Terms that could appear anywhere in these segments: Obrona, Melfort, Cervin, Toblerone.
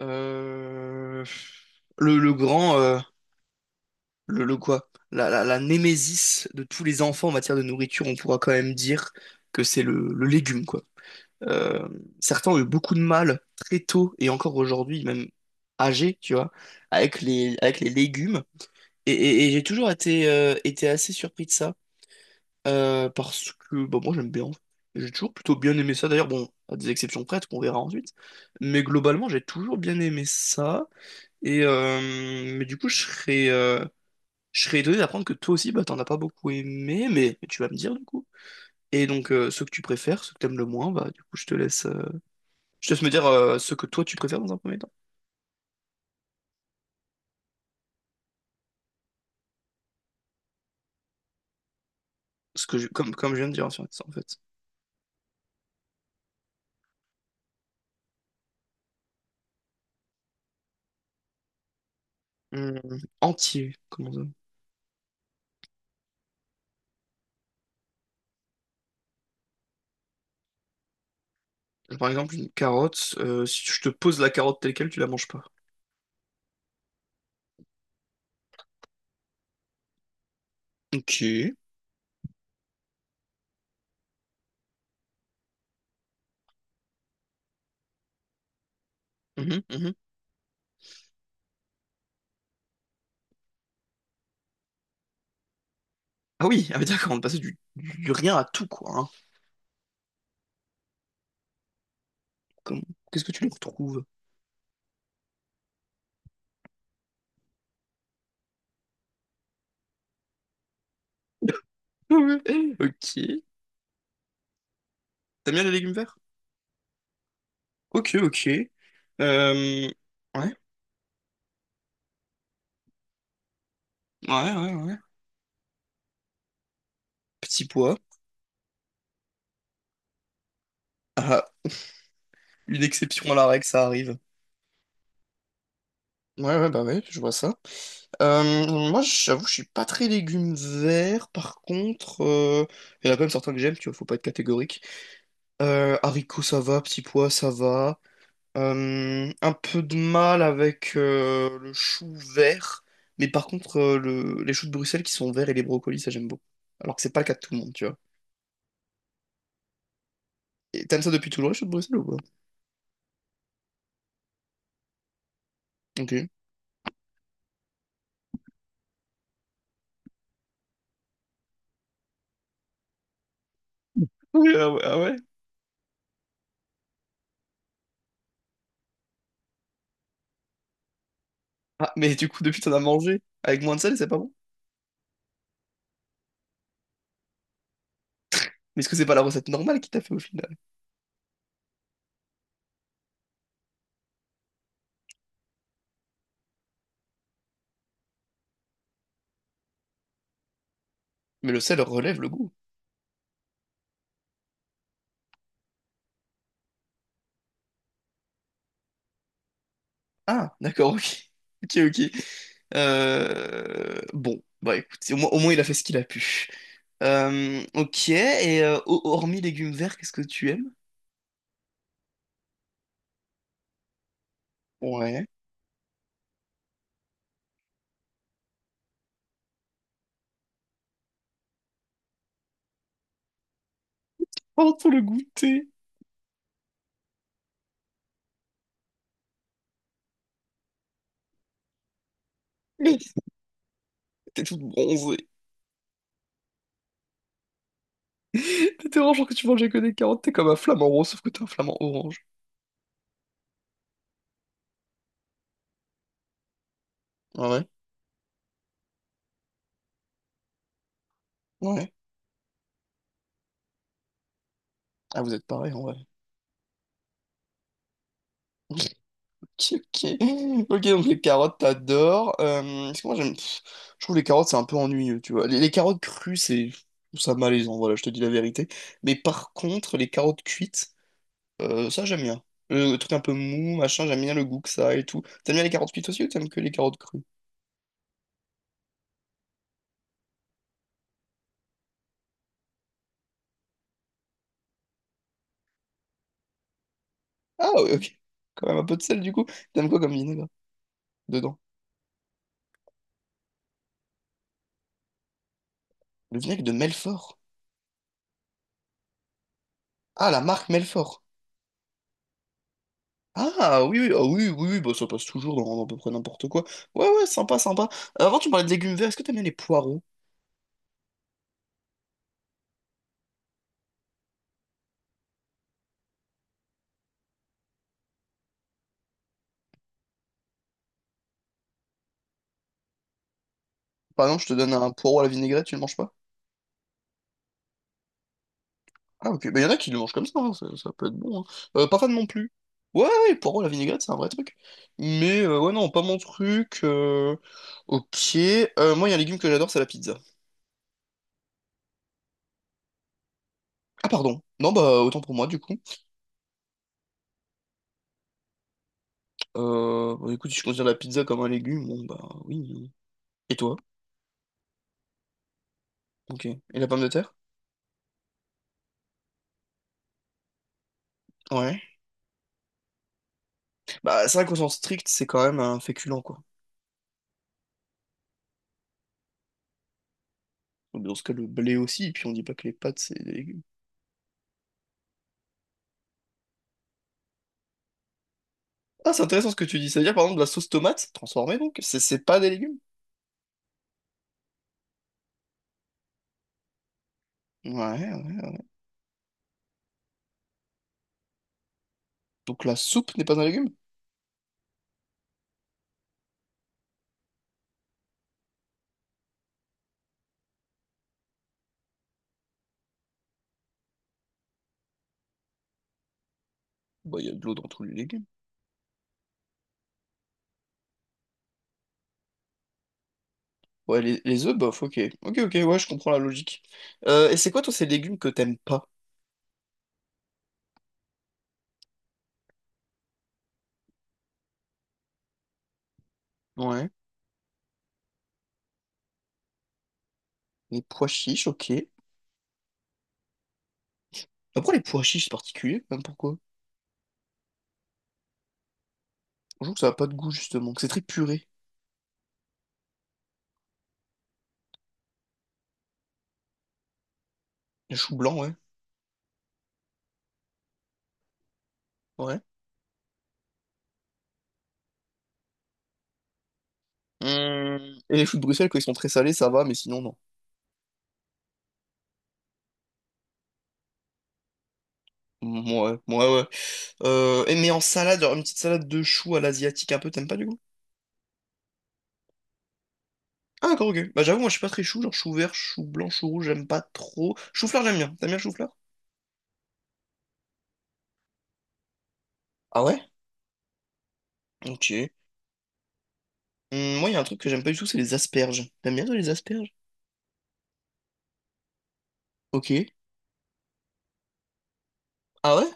Euh, le grand, le quoi? La némésis de tous les enfants en matière de nourriture, on pourra quand même dire que c'est le légume, quoi. Euh, Certains ont eu beaucoup de mal très tôt et encore aujourd'hui, même âgés, tu vois, avec avec les légumes. Et j'ai toujours été, été assez surpris de ça, parce que bah, moi j'aime bien en fait. J'ai toujours plutôt bien aimé ça, d'ailleurs, bon, à des exceptions prêtes qu'on verra ensuite. Mais globalement, j'ai toujours bien aimé ça. Et mais du coup, je serais étonné d'apprendre que toi aussi, bah, t'en as pas beaucoup aimé, mais tu vas me dire du coup. Et donc, ceux que tu préfères, ceux que t'aimes le moins, bah, du coup, je te laisse me dire ceux que toi tu préfères dans un premier temps. Comme, comme je viens de dire en fait en fait. Hum, entier, comment ça? Par exemple, une carotte, si je te pose la carotte telle quelle, tu la manges pas. Ok. Mhm, mhm. Ah oui, ah oui, d'accord, on est passé du rien à tout, quoi, hein. Comme- Qu'est-ce que tu lui retrouves? Ok. T'aimes bien les légumes verts? Ok, ok. Euh, Ouais, ouais, ouais, ouais. Petit pois. Ah, une exception à la règle, ça arrive. Ouais, ouais, bah ouais, je vois ça. Moi, j'avoue, je suis pas très légumes verts, par contre, il y en a quand même certains que j'aime, tu vois, faut pas être catégorique. Haricots, ça va, petits pois, ça va. Un peu de mal avec le chou vert, mais par contre, les choux de Bruxelles qui sont verts et les brocolis, ça j'aime beaucoup. Alors que c'est pas le cas de tout le monde, tu vois. Et t'aimes ça depuis toujours, les choux de Bruxelles ou pas? Ok. Oui, ah ouais, ah ouais. Ah, mais du coup, depuis, t'en as mangé. Avec moins de sel, c'est pas bon. Mais est-ce que c'est pas la recette normale qui t'a fait au final? Mais le sel relève le goût. Ah, d'accord, ok. Ok, ok. Bon, bah écoute, au moins, il a fait ce qu'il a pu. Ok, et hormis légumes verts, qu'est-ce que tu aimes? Ouais. Oh, pour le goûter! T'es toute bronzée. T'étais orange genre que tu mangeais que des carottes, t'es comme un flamant rose, sauf que t'es un flamant orange. Ah ouais. Ouais. Ah, vous êtes pareil en vrai. Ok, ok, donc les carottes, t'adores. Parce que moi, j'aime, pff, je trouve les carottes, c'est un peu ennuyeux, tu vois. Les carottes crues, c'est, je trouve ça malaisant, voilà, je te dis la vérité. Mais par contre, les carottes cuites, ça, j'aime bien. Le truc un peu mou, machin, j'aime bien le goût que ça a et tout. T'aimes bien les carottes cuites aussi ou t'aimes que les carottes crues? Ah, ouais, ok. Quand même un peu de sel, du coup. T'aimes quoi comme vinaigre dedans? Le vinaigre de Melfort. Ah, la marque Melfort. Ah oui, oui, ah oui, oui, oui, bah, ça passe toujours dans à peu près n'importe quoi. Ouais, ouais, sympa, sympa. Avant, tu me parlais de légumes verts, est-ce que t'aimes bien les poireaux? Par exemple, je te donne un poireau à la vinaigrette, tu le manges pas? Ah ok, bah, y en a qui le mangent comme ça, hein, ça peut être bon, hein. Pas fan non plus. Ouais, ouais, le poireau à la vinaigrette, c'est un vrai truc. Mais ouais, non, pas mon truc, ok, moi, il y a un légume que j'adore, c'est la pizza. Ah pardon, non, bah autant pour moi du coup. Bah, écoute, si je considère la pizza comme un légume, bon bah oui, hein. Et toi? Ok. Et la pomme de terre? Ouais. Bah, c'est vrai qu'au sens strict, c'est quand même un féculent, quoi. Donc, dans ce cas, le blé aussi, et puis on dit pas que les pâtes, c'est des légumes. Ah, c'est intéressant ce que tu dis. Ça veut dire, par exemple, la sauce tomate, transformée, donc, c'est pas des légumes? Ouais, ouais. Donc la soupe n'est pas un légume? Bah, il y a de l'eau dans tous les légumes. Ouais, les œufs, bof, ok. Ok, ok, ouais, je comprends la logique. Et c'est quoi, toi, ces légumes que t'aimes pas? Ouais. Les pois chiches, ok. Après, les pois chiches, c'est particulier, même pourquoi? Je trouve que ça a pas de goût, justement, que c'est très puré. Les choux blancs, ouais. Ouais. Hum, et les choux de Bruxelles, quand ils sont très salés, ça va, mais sinon, non. Ouais, ouais, ouais. Et mais en salade, genre une petite salade de choux à l'asiatique un peu, t'aimes pas du coup? Ah, d'accord, ok. Bah j'avoue, moi je suis pas très chou, genre chou vert, chou blanc, chou rouge, j'aime pas trop. Chou-fleur, j'aime bien. T'aimes bien le chou-fleur? Ah ouais? Ok. Moi, il y a un truc que j'aime pas du tout, c'est les asperges. T'aimes bien toi, les asperges? Ok. Ah ouais?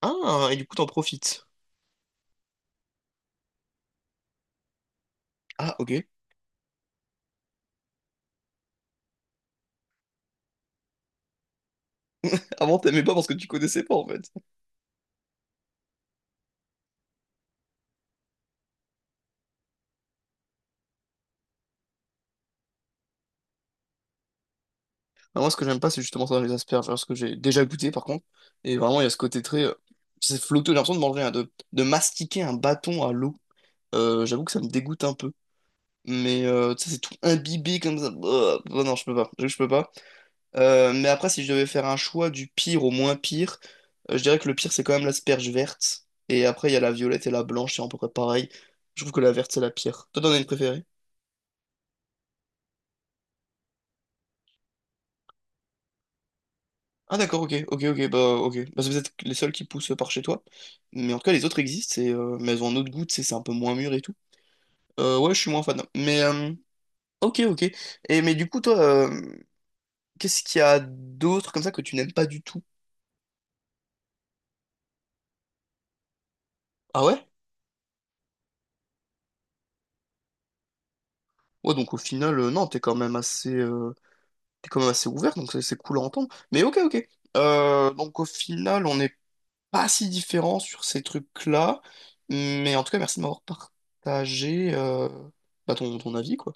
Ah, et du coup, t'en profites. Ah, ok. Avant, t'aimais pas parce que tu connaissais pas, en fait. Ah, moi, ce que j'aime pas, c'est justement ça, les asperges. Parce que j'ai déjà goûté, par contre. Et vraiment, il y a ce côté très… c'est flotteux, j'ai l'impression de manger, de mastiquer un bâton à l'eau. J'avoue que ça me dégoûte un peu. Mais tu sais, c'est tout imbibé comme ça. Bah, bah non, je peux pas. J'avoue que je peux pas. Mais après, si je devais faire un choix du pire au moins pire, je dirais que le pire, c'est quand même l'asperge verte. Et après, il y a la violette et la blanche, c'est à peu près pareil. Je trouve que la verte, c'est la pire. Toi, t'en as une préférée? Ah d'accord, ok, ok, ok. Bah, c'est peut-être les seuls qui poussent par chez toi. Mais en tout cas, les autres existent, et, mais elles ont un autre goût, tu sais, c'est un peu moins mûr et tout. Ouais, je suis moins fan. Mais ok, ok. Et mais du coup, toi, euh, Qu'est-ce qu'il y a d'autre comme ça que tu n'aimes pas du tout? Ah ouais? Ouais, donc au final, non, t'es quand même assez ouvert, donc c'est cool à entendre. Mais ok, ok. Donc au final, on n'est pas si différents sur ces trucs-là. Mais en tout cas, merci de m'avoir partagé bah, ton avis, quoi.